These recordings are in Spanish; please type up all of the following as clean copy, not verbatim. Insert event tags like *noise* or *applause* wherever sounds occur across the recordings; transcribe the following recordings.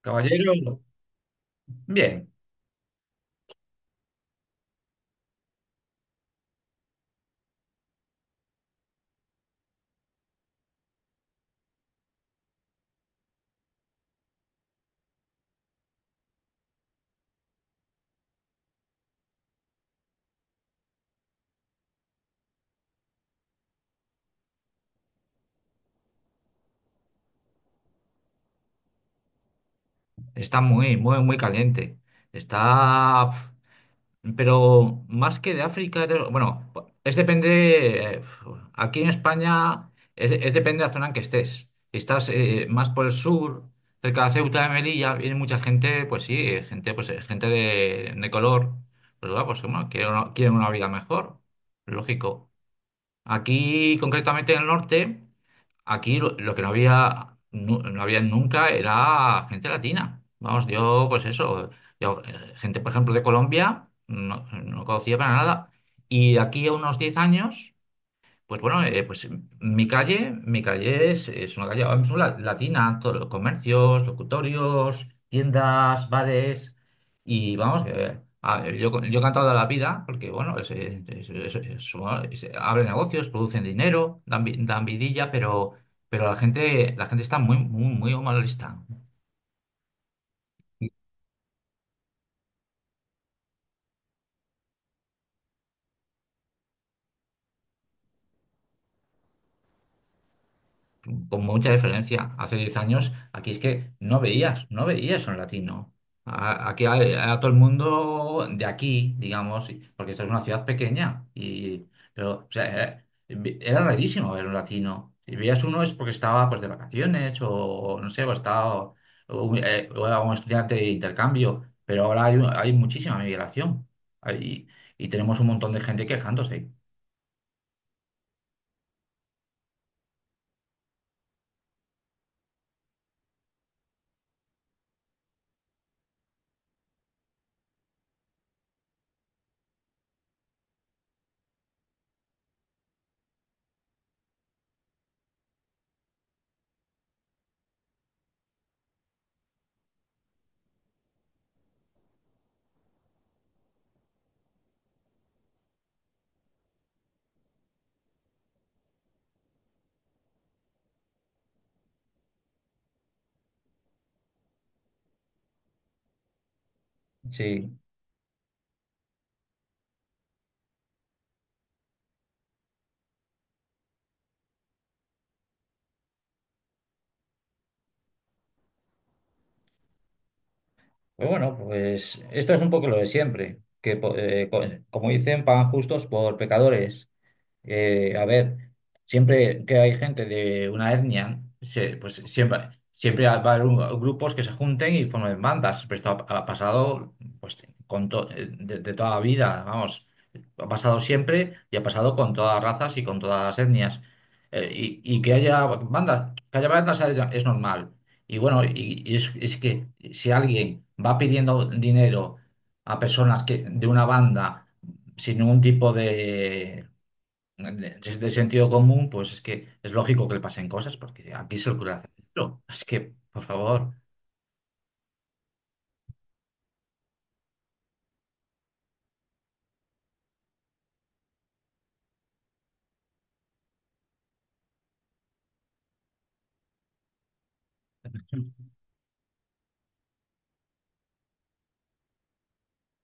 Caballero, bien, está muy, muy, muy caliente. Está, pero más que de África, bueno, es depende, aquí en España es depende de la zona en que estés. Si estás más por el sur, cerca de Ceuta de Melilla, viene mucha gente, pues sí, gente, gente de color, pues, va, pues bueno, quieren quieren una vida mejor, lógico. Aquí, concretamente en el norte, lo que no había, había nunca era gente latina. Vamos, yo, pues eso, gente, por ejemplo, de Colombia, no conocía para nada. Y de aquí a unos 10 años. Pues bueno, pues mi calle es una calle ahora mismo latina, todos los comercios, locutorios, tiendas, bares, y vamos, que, a ver, yo he cantado toda la vida, porque bueno, bueno, abren negocios, producen dinero, dan, dan vidilla, pero la gente está muy, muy, muy malista. Con mucha diferencia. Hace 10 años aquí es que no veías, no veías un latino. Aquí a todo el mundo de aquí, digamos, porque esto es una ciudad pequeña, y, pero o sea, era rarísimo ver un latino. Si veías uno es porque estaba pues de vacaciones o no sé, o estaba o era un estudiante de intercambio, pero ahora hay muchísima migración. Hay- y tenemos un montón de gente quejándose. Sí. Pues bueno, pues esto es un poco lo de siempre, como dicen, pagan justos por pecadores. A ver, siempre que hay gente de una etnia, pues siempre, siempre va a haber grupos que se junten y formen bandas. Pero esto ha pasado pues, de toda la vida, vamos. Ha pasado siempre y ha pasado con todas las razas y con todas las etnias. Y que haya bandas es normal. Y es que si alguien va pidiendo dinero a personas que, de una banda sin ningún tipo de, de sentido común, pues es que es lógico que le pasen cosas, porque aquí se ocurre hacer esto. Es que, por favor,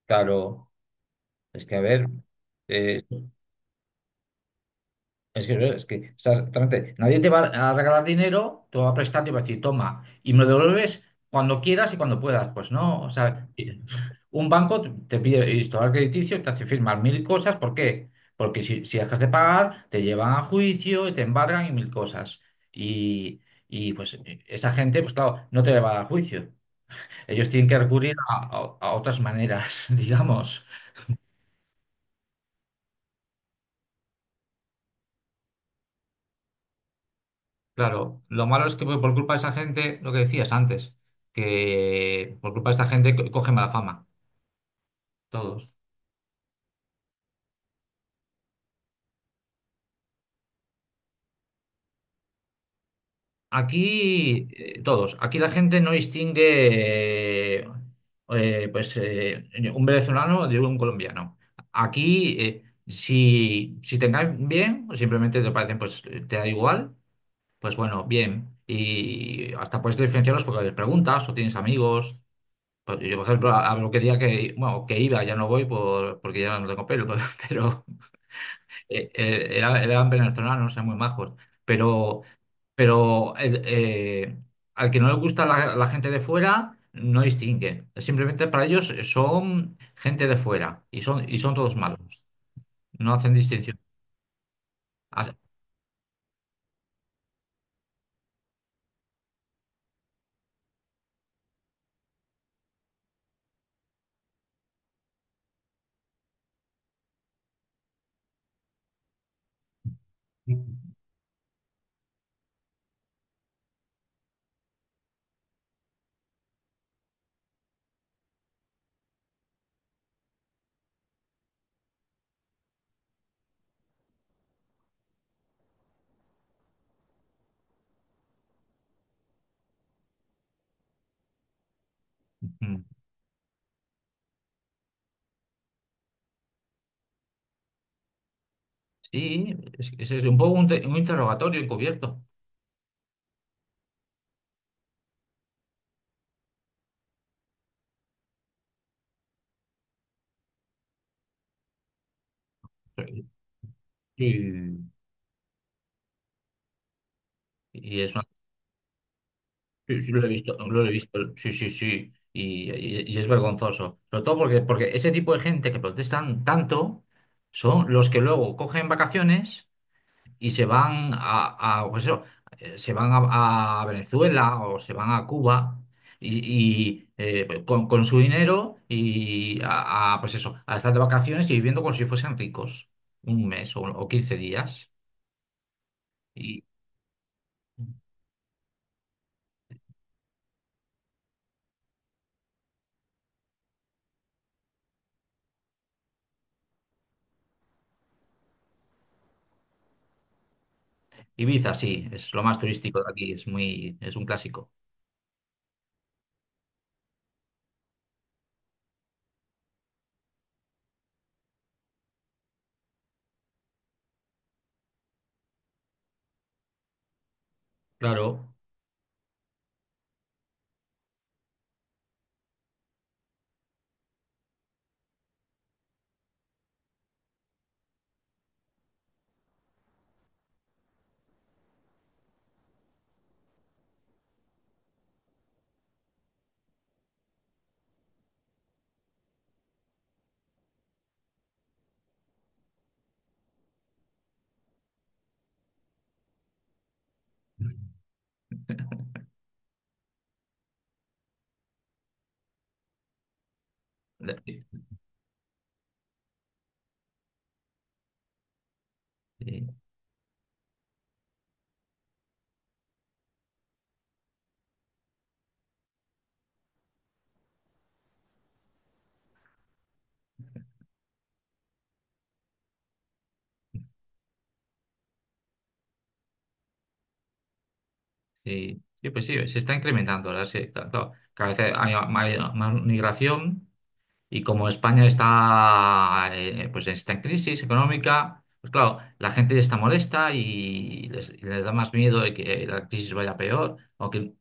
claro, es que a ver, es que, es que exactamente, nadie te va a regalar dinero, te va a prestar, y va a decir, toma, y me lo devuelves cuando quieras y cuando puedas. Pues no, o sea, un banco te pide historial crediticio, te hace firmar mil cosas, ¿por qué? Porque si dejas de pagar, te llevan a juicio y te embargan y mil cosas. Y, y pues esa gente, pues claro, no te va a dar juicio. Ellos tienen que recurrir a otras maneras, *laughs* digamos. Claro, lo malo es que por culpa de esa gente, lo que decías antes, que por culpa de esa gente coge mala fama, todos. Aquí, todos, aquí la gente no distingue eh, pues, eh, un venezolano de un colombiano. Aquí, si, si te caen bien, o simplemente te parecen, te da igual, pues bueno, bien. Y hasta puedes diferenciarlos porque les preguntas o tienes amigos. Pues yo, por ejemplo, a peluquería que, bueno, que iba, ya no voy por, porque ya no tengo pelo, *laughs* pero, eran venezolanos, eran muy majos. Pero, pero al que no le gusta la gente de fuera, no distingue. Simplemente para ellos son gente de fuera y son todos malos. No hacen distinción. As- Mm. Sí, es un poco un interrogatorio encubierto. Y, y es Sí, sí, lo he visto, sí, sí, sí, y es vergonzoso. Sobre todo porque, porque ese tipo de gente que protestan tanto son los que luego cogen vacaciones y se van a, pues eso, se van a Venezuela o se van a Cuba y, pues con su dinero y a, pues eso, a estar de vacaciones y viviendo como si fuesen ricos un mes o 15 días. Y Ibiza, sí, es lo más turístico de aquí, es muy, es un clásico. Claro. Sí, sí, sí, pues sí, se está incrementando, ¿verdad? Sí, claro, claro. Cada vez hay más migración. Y como España está, pues está en crisis económica, pues claro, la gente está molesta y y les da más miedo de que la crisis vaya peor, aunque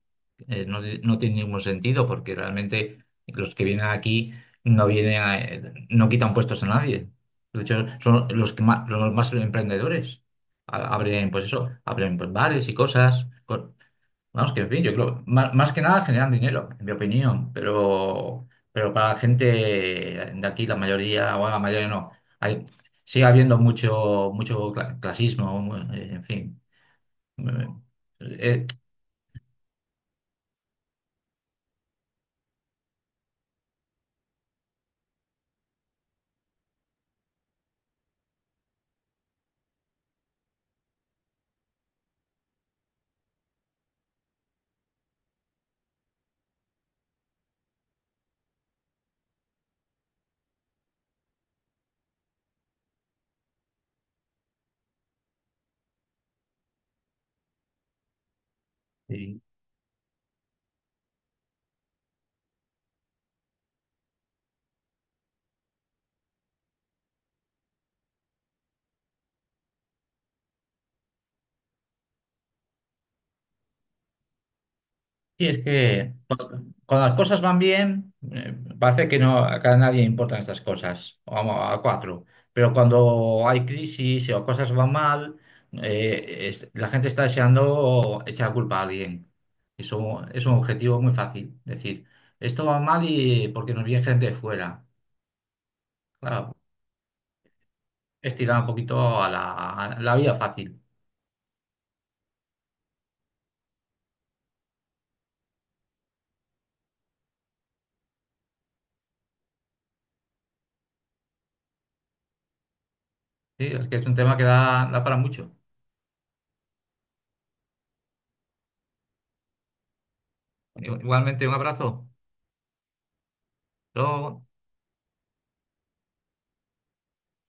no tiene ningún sentido porque realmente los que vienen aquí no vienen no quitan puestos a nadie. De hecho, son los que más, los más emprendedores. Abren, pues eso, abren pues, bares y cosas. Vamos, que en fin, yo creo, más que nada generan dinero, en mi opinión, pero para la gente de aquí, la mayoría, o la mayoría no, hay, sigue habiendo mucho, mucho clasismo, en fin. Eh, eh, Sí, es que cuando las cosas van bien, parece que no, que a nadie importan estas cosas, vamos, a cuatro. Pero cuando hay crisis o cosas van mal, la gente está deseando echar culpa a alguien. Eso es un objetivo muy fácil. Decir, esto va mal y porque nos viene gente de fuera. Claro, es tirar un poquito a a la vía fácil. Sí, es que es un tema que da, da para mucho. Igualmente, un abrazo. Hasta luego.